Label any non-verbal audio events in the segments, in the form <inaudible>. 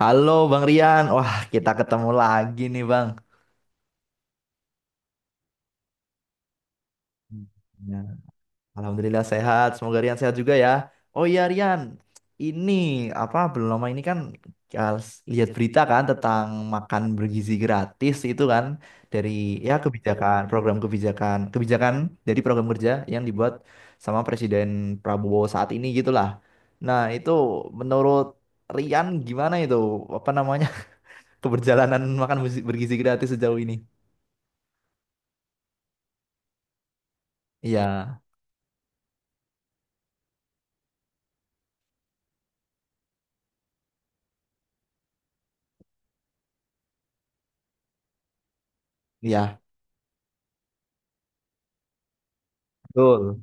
Halo Bang Rian, wah kita ketemu lagi nih Bang. Ya, Alhamdulillah sehat, semoga Rian sehat juga ya. Oh iya Rian, ini apa belum lama ini kan ya, lihat berita kan tentang makan bergizi gratis itu kan dari ya kebijakan program kebijakan kebijakan dari program kerja yang dibuat sama Presiden Prabowo saat ini gitulah. Nah itu menurut Rian gimana itu apa namanya <laughs> keberjalanan makan bergizi bergizi gratis sejauh ini? Iya. Iya, betul,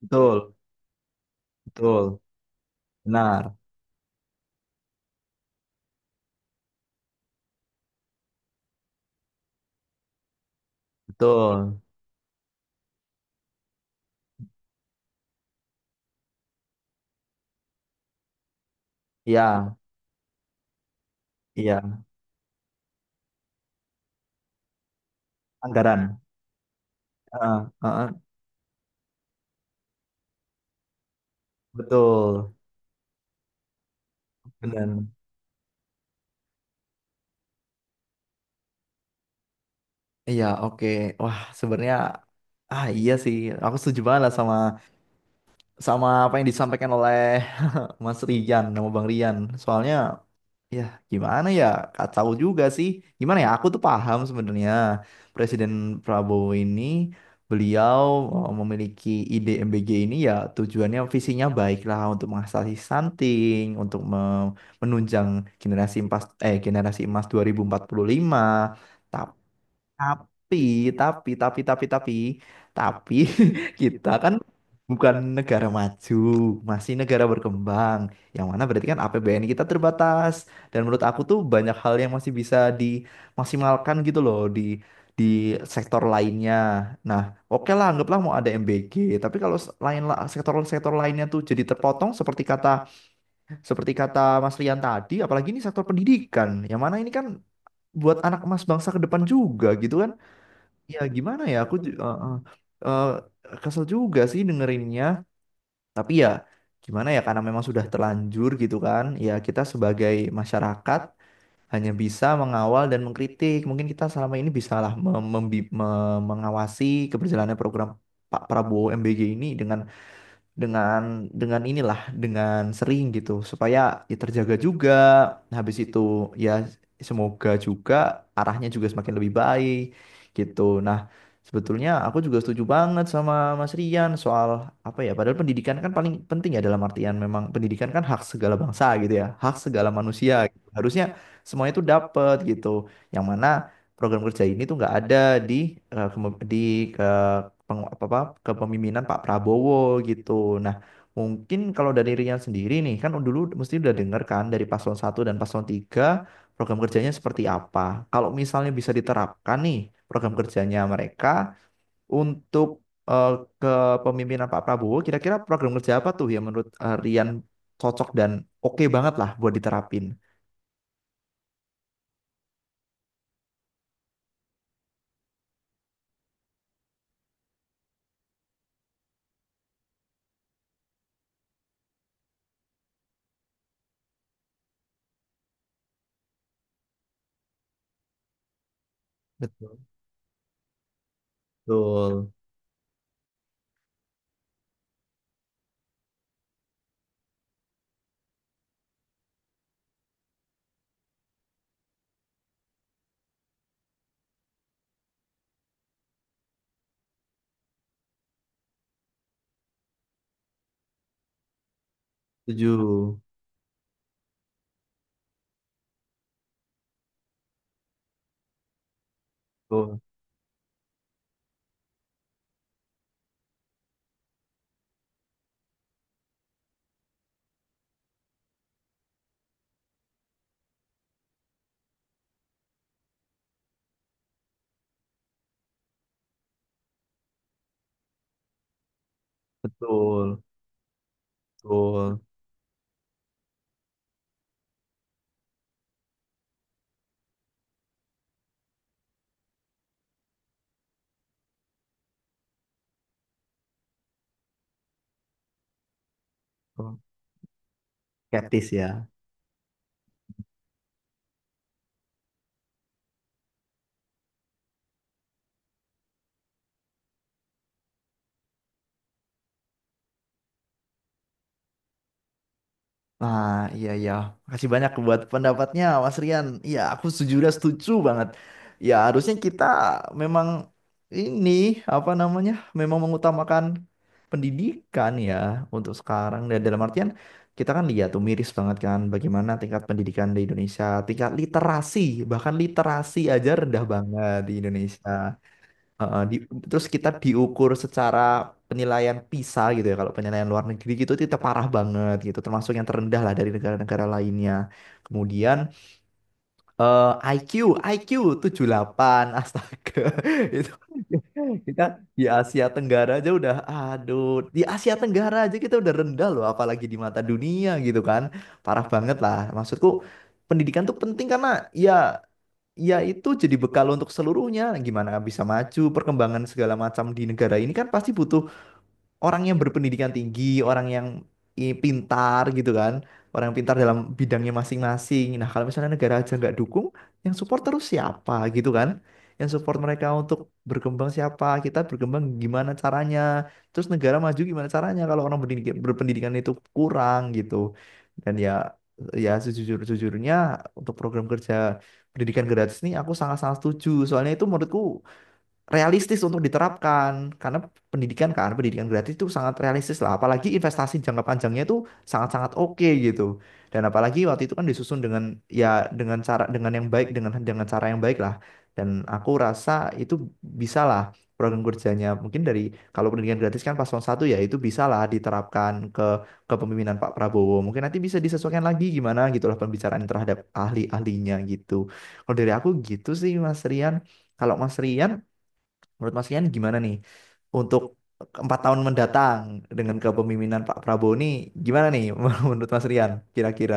betul, betul, benar, betul. Iya, iya, anggaran. Heeh, heeh, betul, benar. Iya, oke. Wah, sebenarnya ah iya sih, aku setuju banget lah sama sama apa yang disampaikan oleh Mas Rian, sama Bang Rian. Soalnya ya, gimana ya? Gak tahu juga sih. Gimana ya? Aku tuh paham sebenarnya Presiden Prabowo ini beliau memiliki ide MBG ini ya tujuannya visinya baiklah untuk mengatasi stunting, untuk menunjang generasi emas 2045. Tapi, tapi, tapi, tapi, tapi, tapi, <laughs> kita kan bukan negara maju, masih negara berkembang. Yang mana berarti kan APBN kita terbatas. Dan menurut aku tuh banyak hal yang masih bisa dimaksimalkan gitu loh di di sektor lainnya. Nah, oke lah, anggaplah mau ada MBG. Tapi kalau sektor-sektor lainnya tuh jadi terpotong seperti kata Mas Rian tadi, apalagi ini sektor pendidikan. Yang mana ini kan buat anak emas bangsa ke depan juga gitu kan. Ya gimana ya aku kesel juga sih dengerinnya, tapi ya gimana ya karena memang sudah terlanjur gitu kan ya kita sebagai masyarakat hanya bisa mengawal dan mengkritik. Mungkin kita selama ini bisalah mengawasi keberjalanan program Pak Prabowo MBG ini dengan dengan inilah, dengan sering gitu supaya ya terjaga juga. Nah, habis itu ya semoga juga arahnya juga semakin lebih baik gitu. Nah, sebetulnya aku juga setuju banget sama Mas Rian soal apa ya padahal pendidikan kan paling penting ya dalam artian memang pendidikan kan hak segala bangsa gitu ya hak segala manusia gitu. Harusnya semuanya itu dapat gitu yang mana program kerja ini tuh nggak ada di eh, kemo- di eh, peng- apa, apa, kepemimpinan Pak Prabowo gitu. Nah, mungkin kalau dari Rian sendiri nih, kan dulu mesti udah denger kan dari paslon 1 dan paslon 3 program kerjanya seperti apa. Kalau misalnya bisa diterapkan nih program kerjanya mereka untuk eh, kepemimpinan Pak Prabowo, kira-kira program kerja apa tuh yang menurut Rian cocok dan oke banget lah buat diterapin? Betul. Betul. Setuju. Betul. Betul. Betul. Betul. Skeptis ya. Nah, iya iya. Makasih banyak buat pendapatnya, Mas Rian. Iya, aku sejujurnya setuju banget. Ya, harusnya kita memang ini apa namanya? Memang mengutamakan pendidikan ya untuk sekarang dan dalam artian kita kan lihat tuh miris banget kan bagaimana tingkat pendidikan di Indonesia, tingkat literasi, bahkan literasi aja rendah banget di Indonesia. Heeh, terus kita diukur secara penilaian PISA gitu ya. Kalau penilaian luar negeri gitu itu kita parah banget gitu. Termasuk yang terendah lah dari negara-negara lainnya. Kemudian eh, IQ, IQ 8. Astaga. <laughs> Itu kita di Asia Tenggara aja udah aduh, di Asia Tenggara aja kita udah rendah loh apalagi di mata dunia gitu kan. Parah banget lah. Maksudku pendidikan tuh penting karena ya ya itu jadi bekal untuk seluruhnya. Gimana bisa maju, perkembangan segala macam di negara ini kan pasti butuh orang yang berpendidikan tinggi, orang yang pintar gitu kan, orang yang pintar dalam bidangnya masing-masing. Nah, kalau misalnya negara aja nggak dukung, yang support terus siapa gitu kan? Yang support mereka untuk berkembang siapa? Kita berkembang gimana caranya? Terus negara maju gimana caranya kalau orang berpendidikan itu kurang gitu. Dan ya sejujur-jujurnya untuk program kerja pendidikan gratis ini aku sangat-sangat setuju. Soalnya itu menurutku realistis untuk diterapkan karena pendidikan kan pendidikan gratis itu sangat realistis lah apalagi investasi jangka panjangnya itu sangat-sangat oke gitu. Dan apalagi waktu itu kan disusun dengan ya, dengan cara, dengan yang baik, dengan cara yang baik lah dan aku rasa itu bisa lah. Program kerjanya mungkin dari kalau pendidikan gratis kan paslon satu ya itu bisa lah diterapkan ke kepemimpinan Pak Prabowo, mungkin nanti bisa disesuaikan lagi gimana gitulah, pembicaraan terhadap ahli-ahlinya gitu. Kalau dari aku gitu sih Mas Rian. Kalau Mas Rian menurut Mas Rian gimana nih untuk 4 tahun mendatang dengan kepemimpinan Pak Prabowo ini gimana nih <laughs> menurut Mas Rian kira-kira?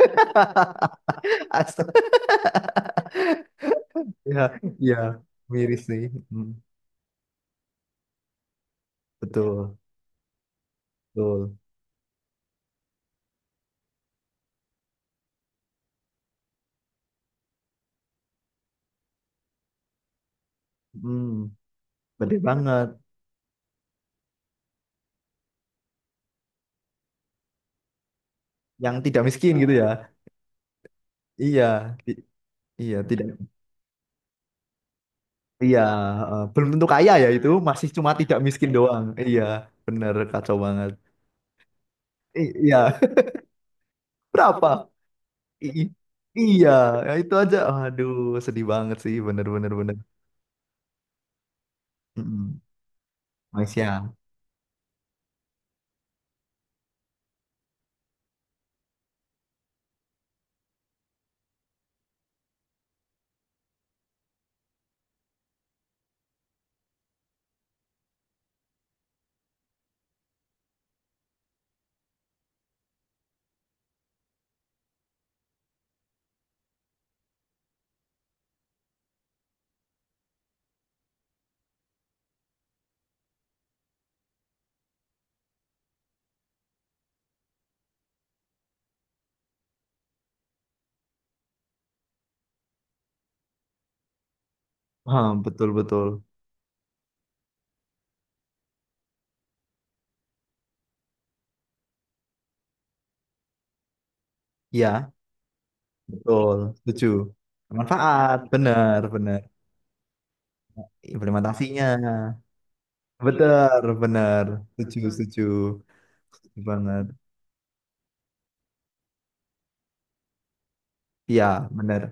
<laughs> Astaga, ya, ya, miris nih. Hmm, betul, betul. Hmm, bener banget. Yang tidak miskin gitu ya. Iya, i- iya, tidak. Iya, belum tentu kaya ya itu, masih cuma tidak miskin doang. Iya, bener kacau banget. Iya, berapa? I- i- Iya, ya itu aja. Aduh, sedih banget sih, bener-bener bener. Mm-mm. Malaysia. Hah, betul betul. Iya, betul. Setuju. Manfaat, bener bener. Implementasinya, bener bener. Setuju setuju. Setuju banget. Iya, bener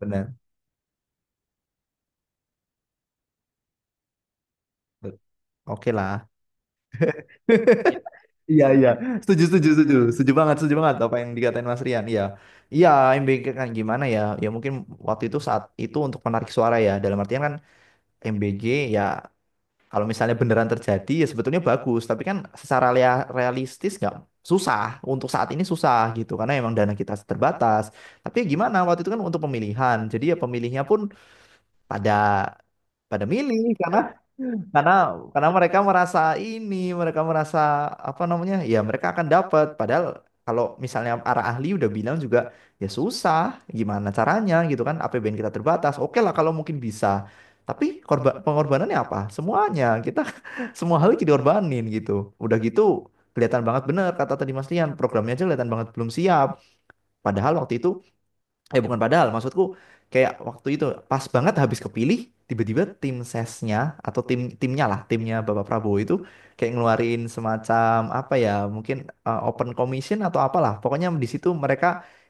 bener. Oke lah. <laughs> Iya iya, setuju setuju setuju, setuju banget apa yang dikatain Mas Rian. Iya, iya MBK kan gimana ya? Ya mungkin waktu itu saat itu untuk menarik suara ya. Dalam artian kan MBG ya kalau misalnya beneran terjadi ya sebetulnya bagus tapi kan secara realistis nggak susah, untuk saat ini susah gitu karena emang dana kita terbatas. Tapi ya gimana waktu itu kan untuk pemilihan jadi ya pemilihnya pun pada pada milih karena karena mereka merasa, ini mereka merasa apa namanya ya mereka akan dapat padahal kalau misalnya para ahli udah bilang juga ya susah gimana caranya gitu kan APBN kita terbatas oke lah kalau mungkin bisa. Tapi korban pengorbanannya apa semuanya kita <laughs> semua hal kita diorbanin gitu. Udah gitu kelihatan banget bener kata tadi Mas Lian programnya aja kelihatan banget belum siap. Padahal waktu itu eh bukan padahal maksudku kayak waktu itu pas banget habis kepilih tiba-tiba tim sesnya atau timnya lah timnya Bapak Prabowo itu kayak ngeluarin semacam apa ya mungkin open commission atau apalah. Pokoknya di situ mereka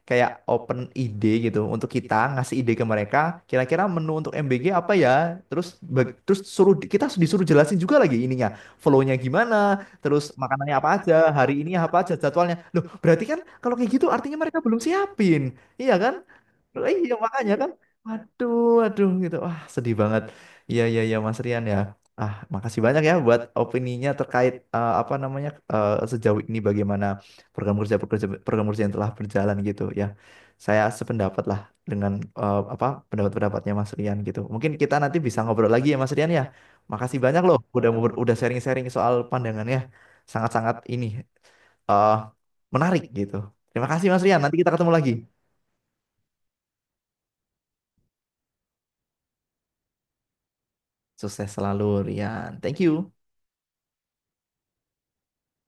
kayak open ide gitu untuk kita ngasih ide ke mereka kira-kira menu untuk MBG apa ya. Terus terus suruh kita disuruh jelasin juga lagi ininya flow-nya gimana terus makanannya apa aja hari ini apa aja jadwalnya loh berarti kan kalau kayak gitu artinya mereka belum siapin iya kan. Loh, iya makanya kan, waduh, waduh gitu, wah sedih banget. Iya iya iya Mas Rian ya. Ah makasih banyak ya buat opininya terkait apa namanya sejauh ini bagaimana program kerja program kerja yang telah berjalan gitu ya. Saya sependapat lah dengan apa pendapat-pendapatnya Mas Rian gitu. Mungkin kita nanti bisa ngobrol lagi ya Mas Rian ya. Makasih banyak loh udah mau udah sharing-sharing soal pandangannya sangat-sangat ini eh menarik gitu. Terima kasih Mas Rian. Nanti kita ketemu lagi. Sukses selalu, Rian. Thank you.